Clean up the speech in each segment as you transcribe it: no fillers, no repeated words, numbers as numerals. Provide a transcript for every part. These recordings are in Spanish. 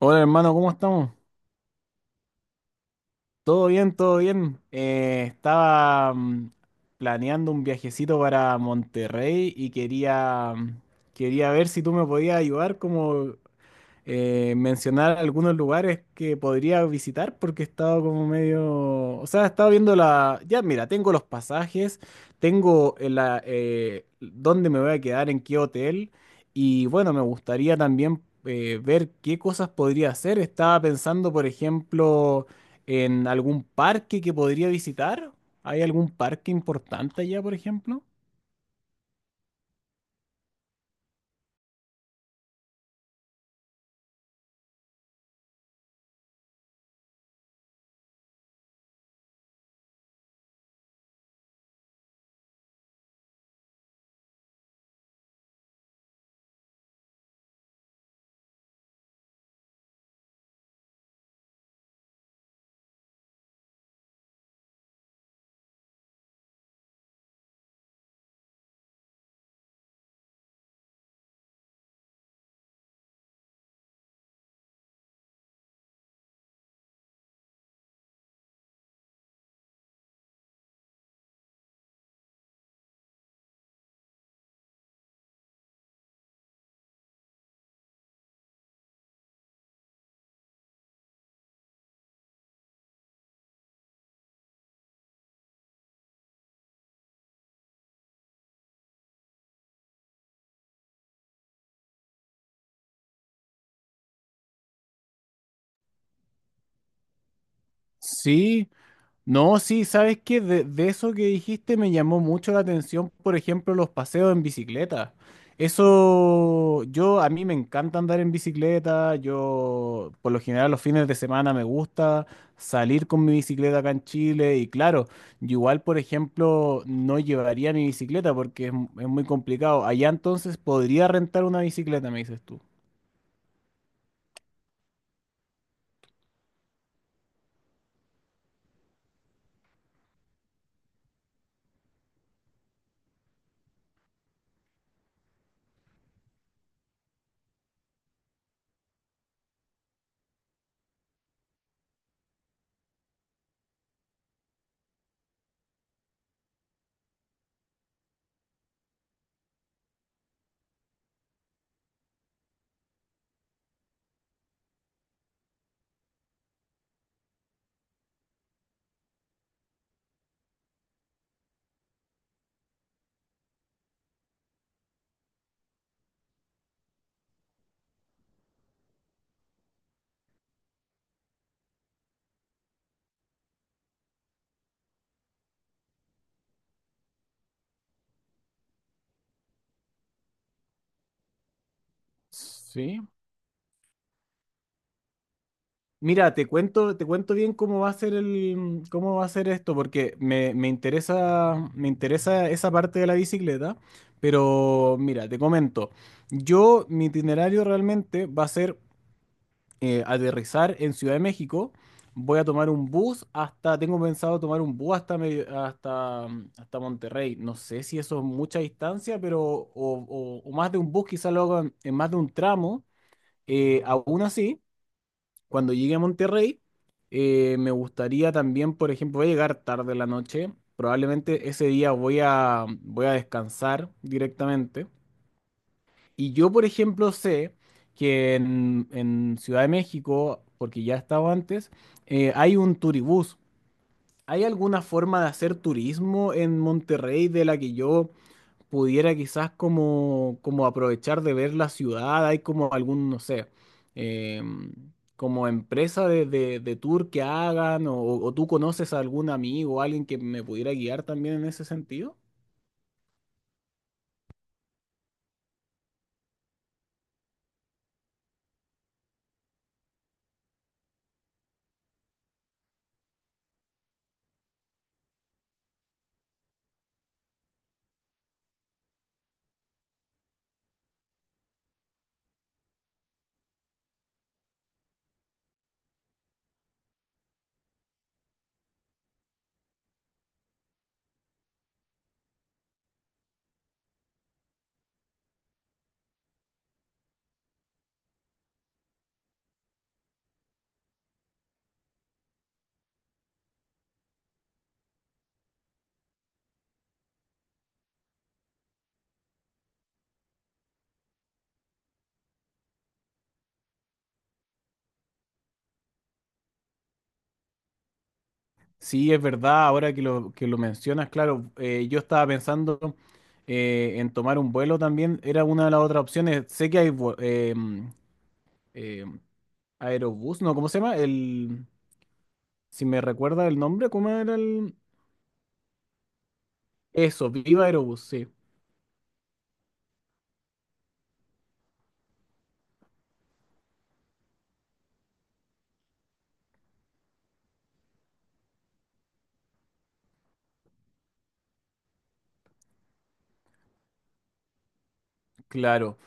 Hola hermano, ¿cómo estamos? Todo bien, todo bien. Planeando un viajecito para Monterrey y quería ver si tú me podías ayudar como mencionar algunos lugares que podría visitar porque he estado como medio, o sea, he estado viendo la, ya mira, tengo los pasajes, tengo la, dónde me voy a quedar, en qué hotel y bueno, me gustaría también ver qué cosas podría hacer. Estaba pensando, por ejemplo, en algún parque que podría visitar. ¿Hay algún parque importante allá, por ejemplo? Sí. No, sí, ¿sabes qué? De eso que dijiste me llamó mucho la atención, por ejemplo, los paseos en bicicleta. Eso, yo, a mí me encanta andar en bicicleta, yo, por lo general, los fines de semana me gusta salir con mi bicicleta acá en Chile y claro, yo igual, por ejemplo, no llevaría mi bicicleta porque es muy complicado. Allá entonces podría rentar una bicicleta, me dices tú. Sí. Mira, te cuento bien cómo va a ser el, cómo va a ser esto, porque me, me interesa esa parte de la bicicleta, pero mira, te comento. Yo, mi itinerario realmente va a ser aterrizar en Ciudad de México. Voy a tomar un bus hasta, tengo pensado tomar un bus hasta, hasta, hasta Monterrey. No sé si eso es mucha distancia, pero, o, o más de un bus, quizá lo hago en más de un tramo. Aún así cuando llegue a Monterrey, me gustaría también, por ejemplo, voy a llegar tarde en la noche. Probablemente ese día voy a, voy a descansar directamente. Y yo, por ejemplo, sé que en Ciudad de México, porque ya he estado antes, hay un turibús. ¿Hay alguna forma de hacer turismo en Monterrey de la que yo pudiera quizás como, como aprovechar de ver la ciudad, hay como algún, no sé, em, como empresa de, de tour que hagan, o tú conoces a algún amigo, o alguien que me pudiera guiar también en ese sentido? Sí, es verdad, ahora que lo mencionas, claro, yo estaba pensando en tomar un vuelo también, era una de las otras opciones, sé que hay vu- em, em, aerobús, no, ¿cómo se llama? El, si me recuerda el nombre, ¿cómo era el... Eso, Viva Aerobús, sí. Claro.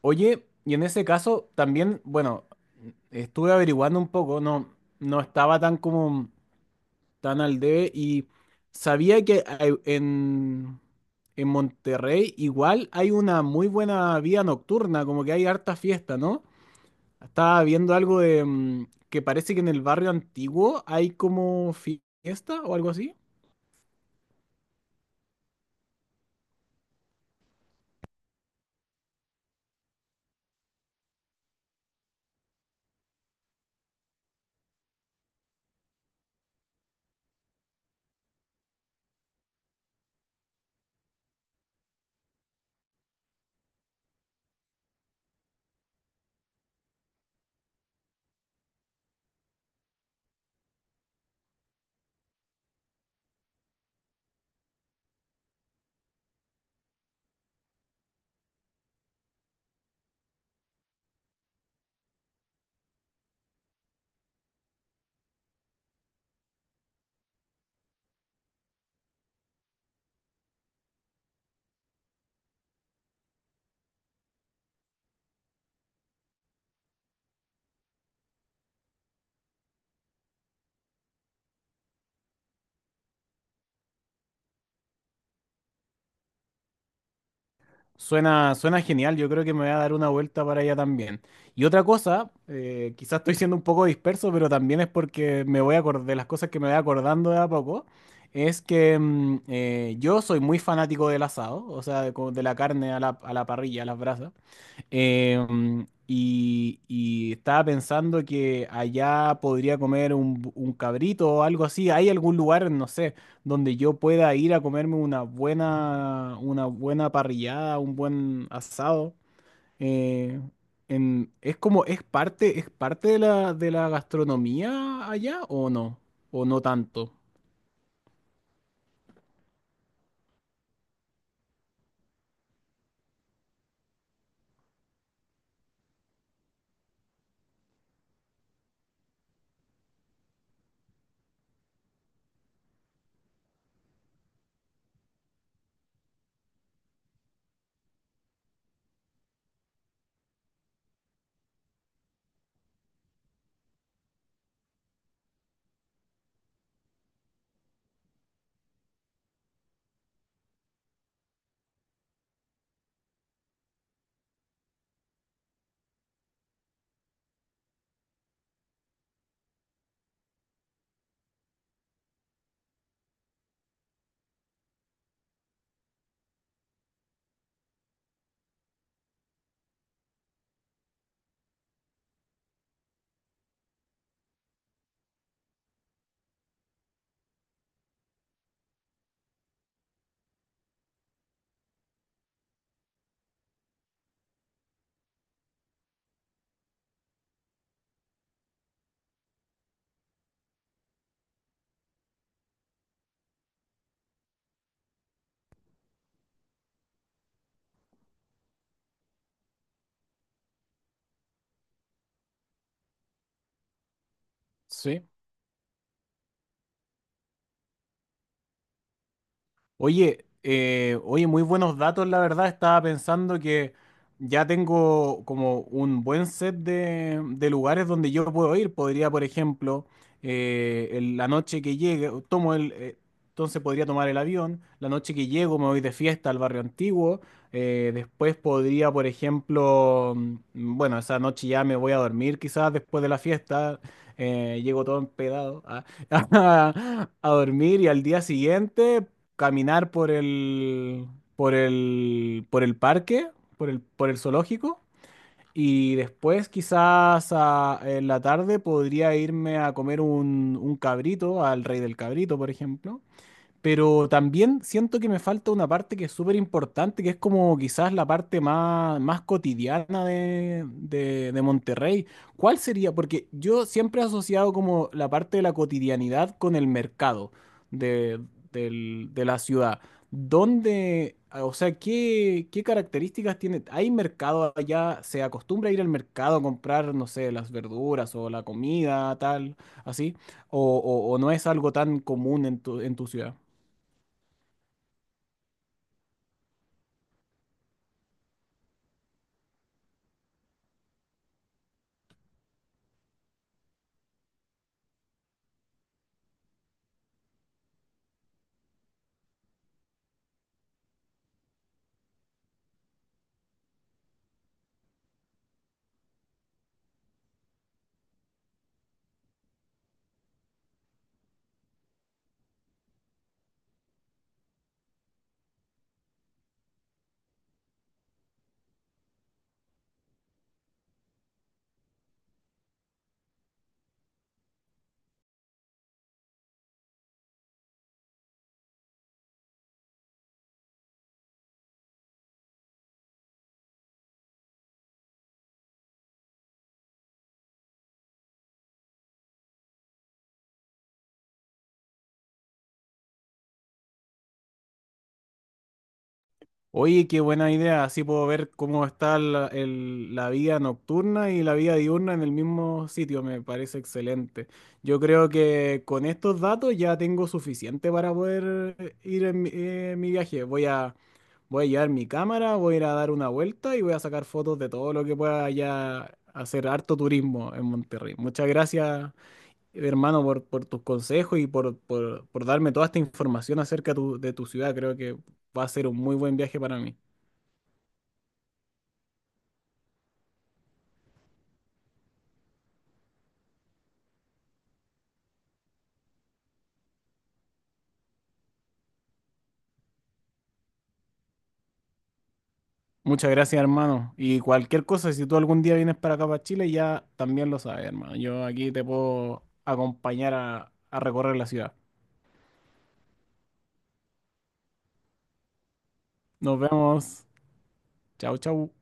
Oye, y en ese caso también, bueno, estuve averiguando un poco, no, no estaba tan como tan al debe y sabía que en Monterrey igual hay una muy buena vida nocturna, como que hay harta fiesta, ¿no? Estaba viendo algo de que parece que en el barrio antiguo hay como fiesta o algo así. Suena, suena genial, yo creo que me voy a dar una vuelta para allá también. Y otra cosa, quizás estoy siendo un poco disperso, pero también es porque me voy a acordar de las cosas que me voy acordando de a poco, es que yo soy muy fanático del asado, o sea, de, como de la carne a la parrilla, a las brasas. Y, y estaba pensando que allá podría comer un cabrito o algo así. ¿Hay algún lugar, no sé, donde yo pueda ir a comerme una buena parrillada, un buen asado? Eh, es como, es parte de la gastronomía allá o no? ¿O no tanto? Sí. Oye, oye, muy buenos datos, la verdad. Estaba pensando que ya tengo como un buen set de lugares donde yo puedo ir. Podría, por ejemplo, en la noche que llegue, tomo el, entonces podría tomar el avión. La noche que llego me voy de fiesta al barrio antiguo. Después podría, por ejemplo, bueno, esa noche ya me voy a dormir quizás después de la fiesta. Llego todo empedado. A a, dormir y al día siguiente caminar por el, por el, por el parque, por el zoológico, y después quizás en la tarde podría irme a comer un cabrito, al Rey del Cabrito, por ejemplo, pero también siento que me falta una parte que es súper importante, que es como quizás la parte más, más cotidiana de, de Monterrey. ¿Cuál sería? Porque yo siempre he asociado como la parte de la cotidianidad con el mercado de, de la ciudad. ¿Dónde, o sea, qué, qué características tiene? ¿Hay mercado allá? ¿Se acostumbra a ir al mercado a comprar, no sé, las verduras o la comida, tal, así? ¿O, o no es algo tan común en tu ciudad? Oye, qué buena idea. Así puedo ver cómo está la, la vida nocturna y la vida diurna en el mismo sitio. Me parece excelente. Yo creo que con estos datos ya tengo suficiente para poder ir en mi, mi viaje. Voy a, voy a llevar mi cámara, voy a ir a dar una vuelta y voy a sacar fotos de todo lo que pueda ya hacer harto turismo en Monterrey. Muchas gracias, hermano, por tus consejos y por darme toda esta información acerca de tu ciudad. Creo que va a ser un muy buen viaje para mí. Muchas gracias, hermano. Y cualquier cosa, si tú algún día vienes para acá, para Chile, ya también lo sabes, hermano. Yo aquí te puedo acompañar a recorrer la ciudad. Nos vemos. Chau, chau.